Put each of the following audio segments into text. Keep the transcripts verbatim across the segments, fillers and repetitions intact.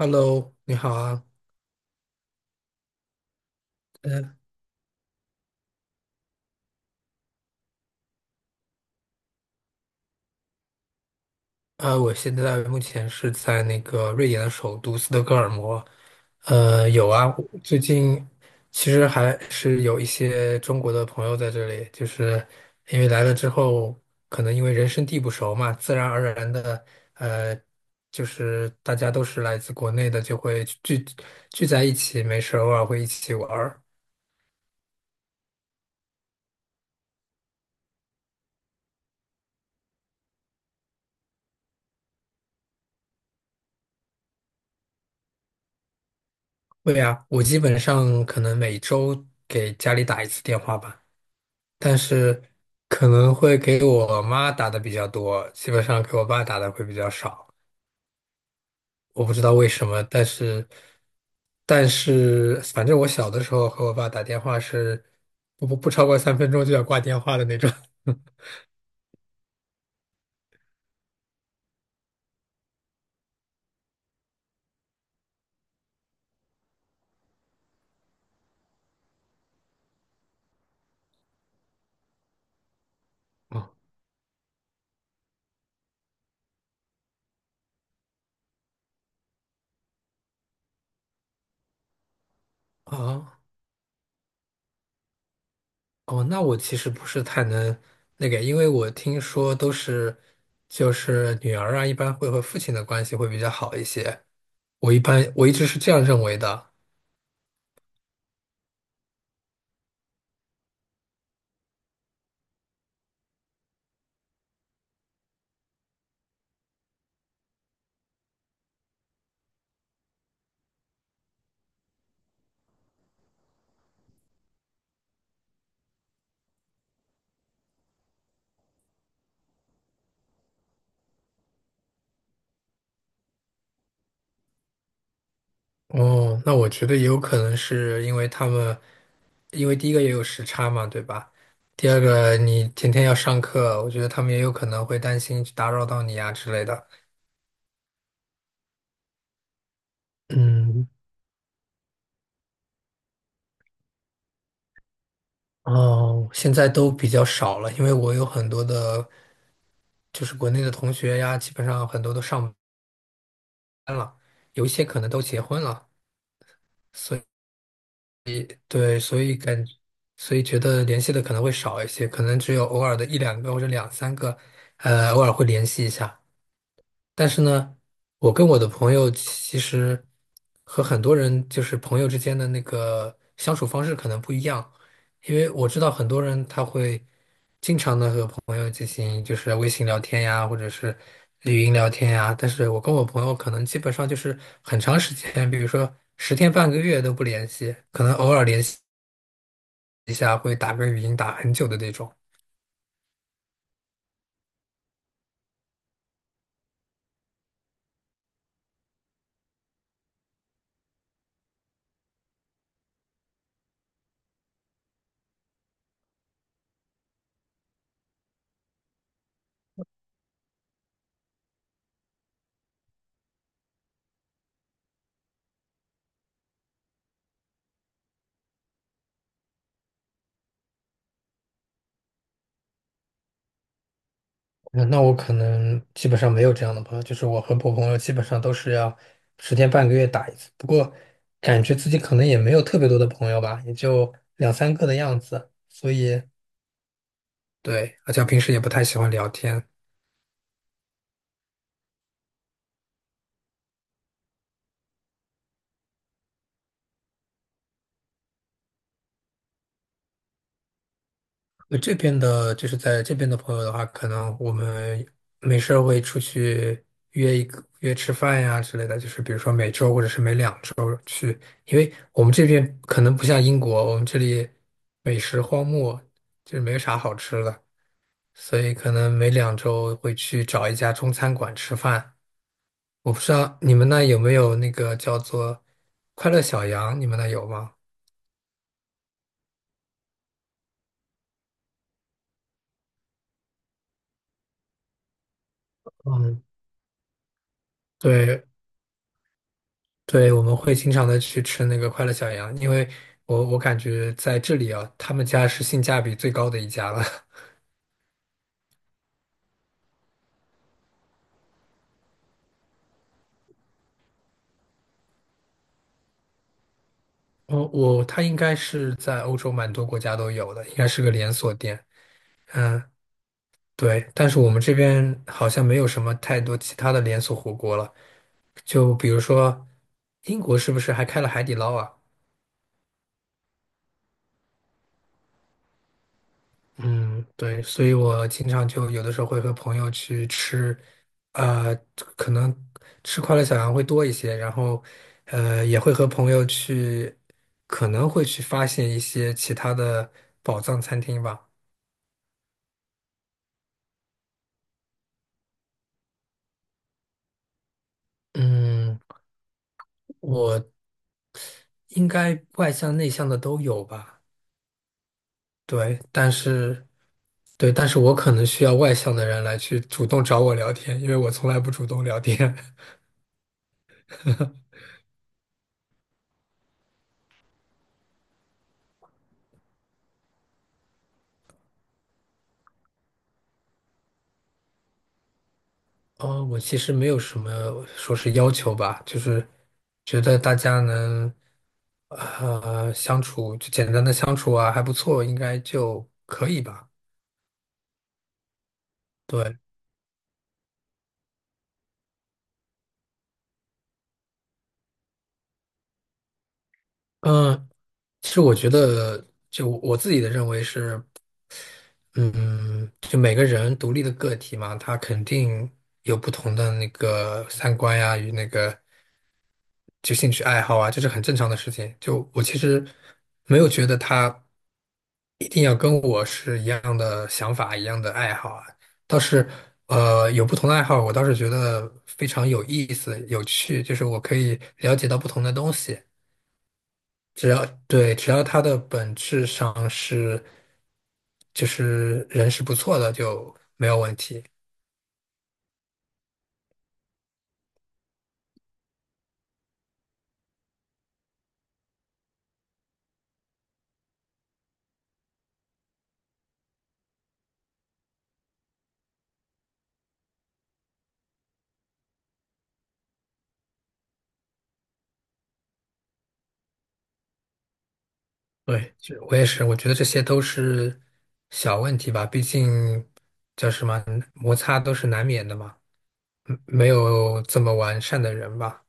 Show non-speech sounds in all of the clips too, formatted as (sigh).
Hello，你好啊，嗯，呃，我现在目前是在那个瑞典的首都斯德哥尔摩。呃，有啊，我最近其实还是有一些中国的朋友在这里，就是因为来了之后，可能因为人生地不熟嘛，自然而然的，呃，就是大家都是来自国内的，就会聚聚在一起，没事偶尔会一起玩儿。对呀，我基本上可能每周给家里打一次电话吧。但是可能会给我妈打的比较多，基本上给我爸打的会比较少。我不知道为什么，但是，但是反正我小的时候和我爸打电话是不不不超过三分钟就要挂电话的那种。(laughs) 哦，啊，哦，那我其实不是太能那个，因为我听说都是就是女儿啊，一般会和父亲的关系会比较好一些。我一般我一直是这样认为的。哦，那我觉得也有可能是因为他们，因为第一个也有时差嘛，对吧？第二个你天天要上课，我觉得他们也有可能会担心去打扰到你呀之类的。嗯，哦，现在都比较少了，因为我有很多的，就是国内的同学呀，基本上很多都上班了，有一些可能都结婚了，所以对，所以感，所以觉得联系的可能会少一些，可能只有偶尔的一两个或者两三个，呃，偶尔会联系一下。但是呢，我跟我的朋友其实和很多人就是朋友之间的那个相处方式可能不一样，因为我知道很多人他会经常的和朋友进行就是微信聊天呀，或者是语音聊天呀，但是我跟我朋友可能基本上就是很长时间，比如说十天半个月都不联系，可能偶尔联系一下会打个语音打很久的那种。那那我可能基本上没有这样的朋友，就是我和我朋友基本上都是要十天半个月打一次，不过感觉自己可能也没有特别多的朋友吧，也就两三个的样子，所以对，而且我平时也不太喜欢聊天。呃，这边的就是在这边的朋友的话，可能我们没事儿会出去约一个约吃饭呀之类的，就是比如说每周或者是每两周，因为我们这边可能不像英国，我们这里美食荒漠，就是没有啥好吃的。所以可能每两周会去找一家中餐馆吃饭。我不知道你们那有没有那个叫做快乐小羊，你们那有吗？嗯，对对，我们会经常的去吃那个快乐小羊，因为我我感觉在这里啊，他们家是性价比最高的一家了。(laughs) 我我他应该是在欧洲蛮多国家都有的，应该是个连锁店。嗯，对，但是我们这边好像没有什么太多其他的连锁火锅了。就比如说，英国是不是还开了海底捞啊？嗯，对，所以我经常就有的时候会和朋友去吃，呃，可能吃快乐小羊会多一些，然后，呃，也会和朋友去，可能会去发现一些其他的宝藏餐厅吧。嗯，我应该外向内向的都有吧？对，但是。对，但是我可能需要外向的人来去主动找我聊天，因为我从来不主动聊天。(laughs) 呃，我其实没有什么说是要求吧，就是觉得大家能呃相处，就简单的相处啊，还不错，应该就可以吧。对，嗯，其实我觉得，就我自己的认为是，嗯，就每个人独立的个体嘛，他肯定有不同的那个三观呀，与那个。就兴趣爱好啊，这是很正常的事情。就我其实没有觉得他一定要跟我是一样的想法、一样的爱好啊。倒是呃，有不同的爱好，我倒是觉得非常有意思、有趣，就是我可以了解到不同的东西。只要对，只要它的本质上是就是人是不错的，就没有问题。对，这我也是，我觉得这些都是小问题吧，毕竟叫什么，摩擦都是难免的嘛，嗯没有这么完善的人吧。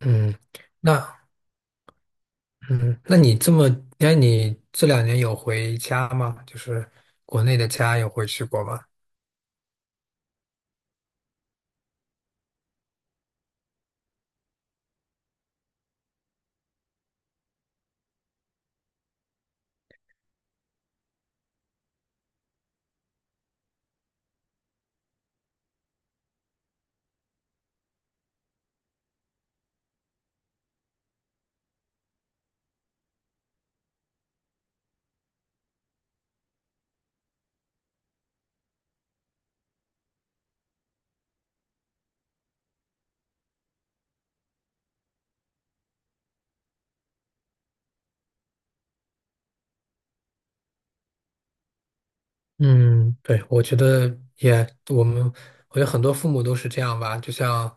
嗯，那嗯，那你这么，那你这两年有回家吗？就是国内的家有回去过吗？嗯，对，我觉得也，我们我觉得很多父母都是这样吧，就像，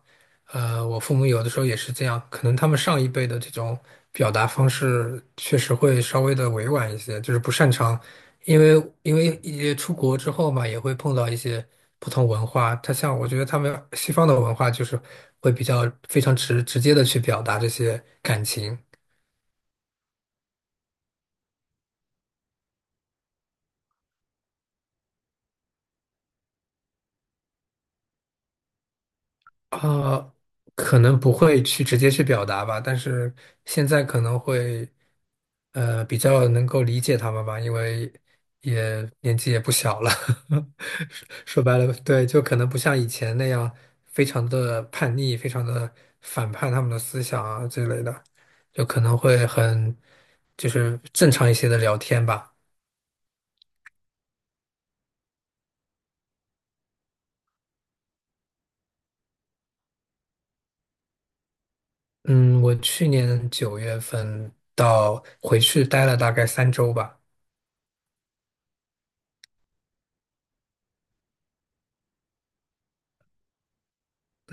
呃，我父母有的时候也是这样，可能他们上一辈的这种表达方式确实会稍微的委婉一些，就是不擅长，因为因为也出国之后嘛，也会碰到一些不同文化，他像我觉得他们西方的文化就是会比较非常直直接的去表达这些感情，啊，可能不会去直接去表达吧，但是现在可能会，呃，比较能够理解他们吧，因为也年纪也不小了，(laughs) 说白了，对，就可能不像以前那样非常的叛逆，非常的反叛他们的思想啊之类的，就可能会很，就是正常一些的聊天吧。嗯，我去年九月份到回去待了大概三周吧。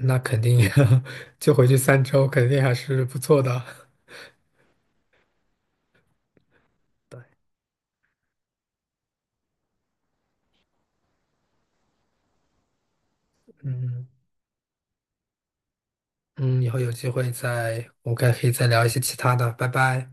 那肯定 (laughs) 就回去三周，肯定还是不错的。嗯嗯，以后有机会再，我们可以再聊一些其他的，拜拜。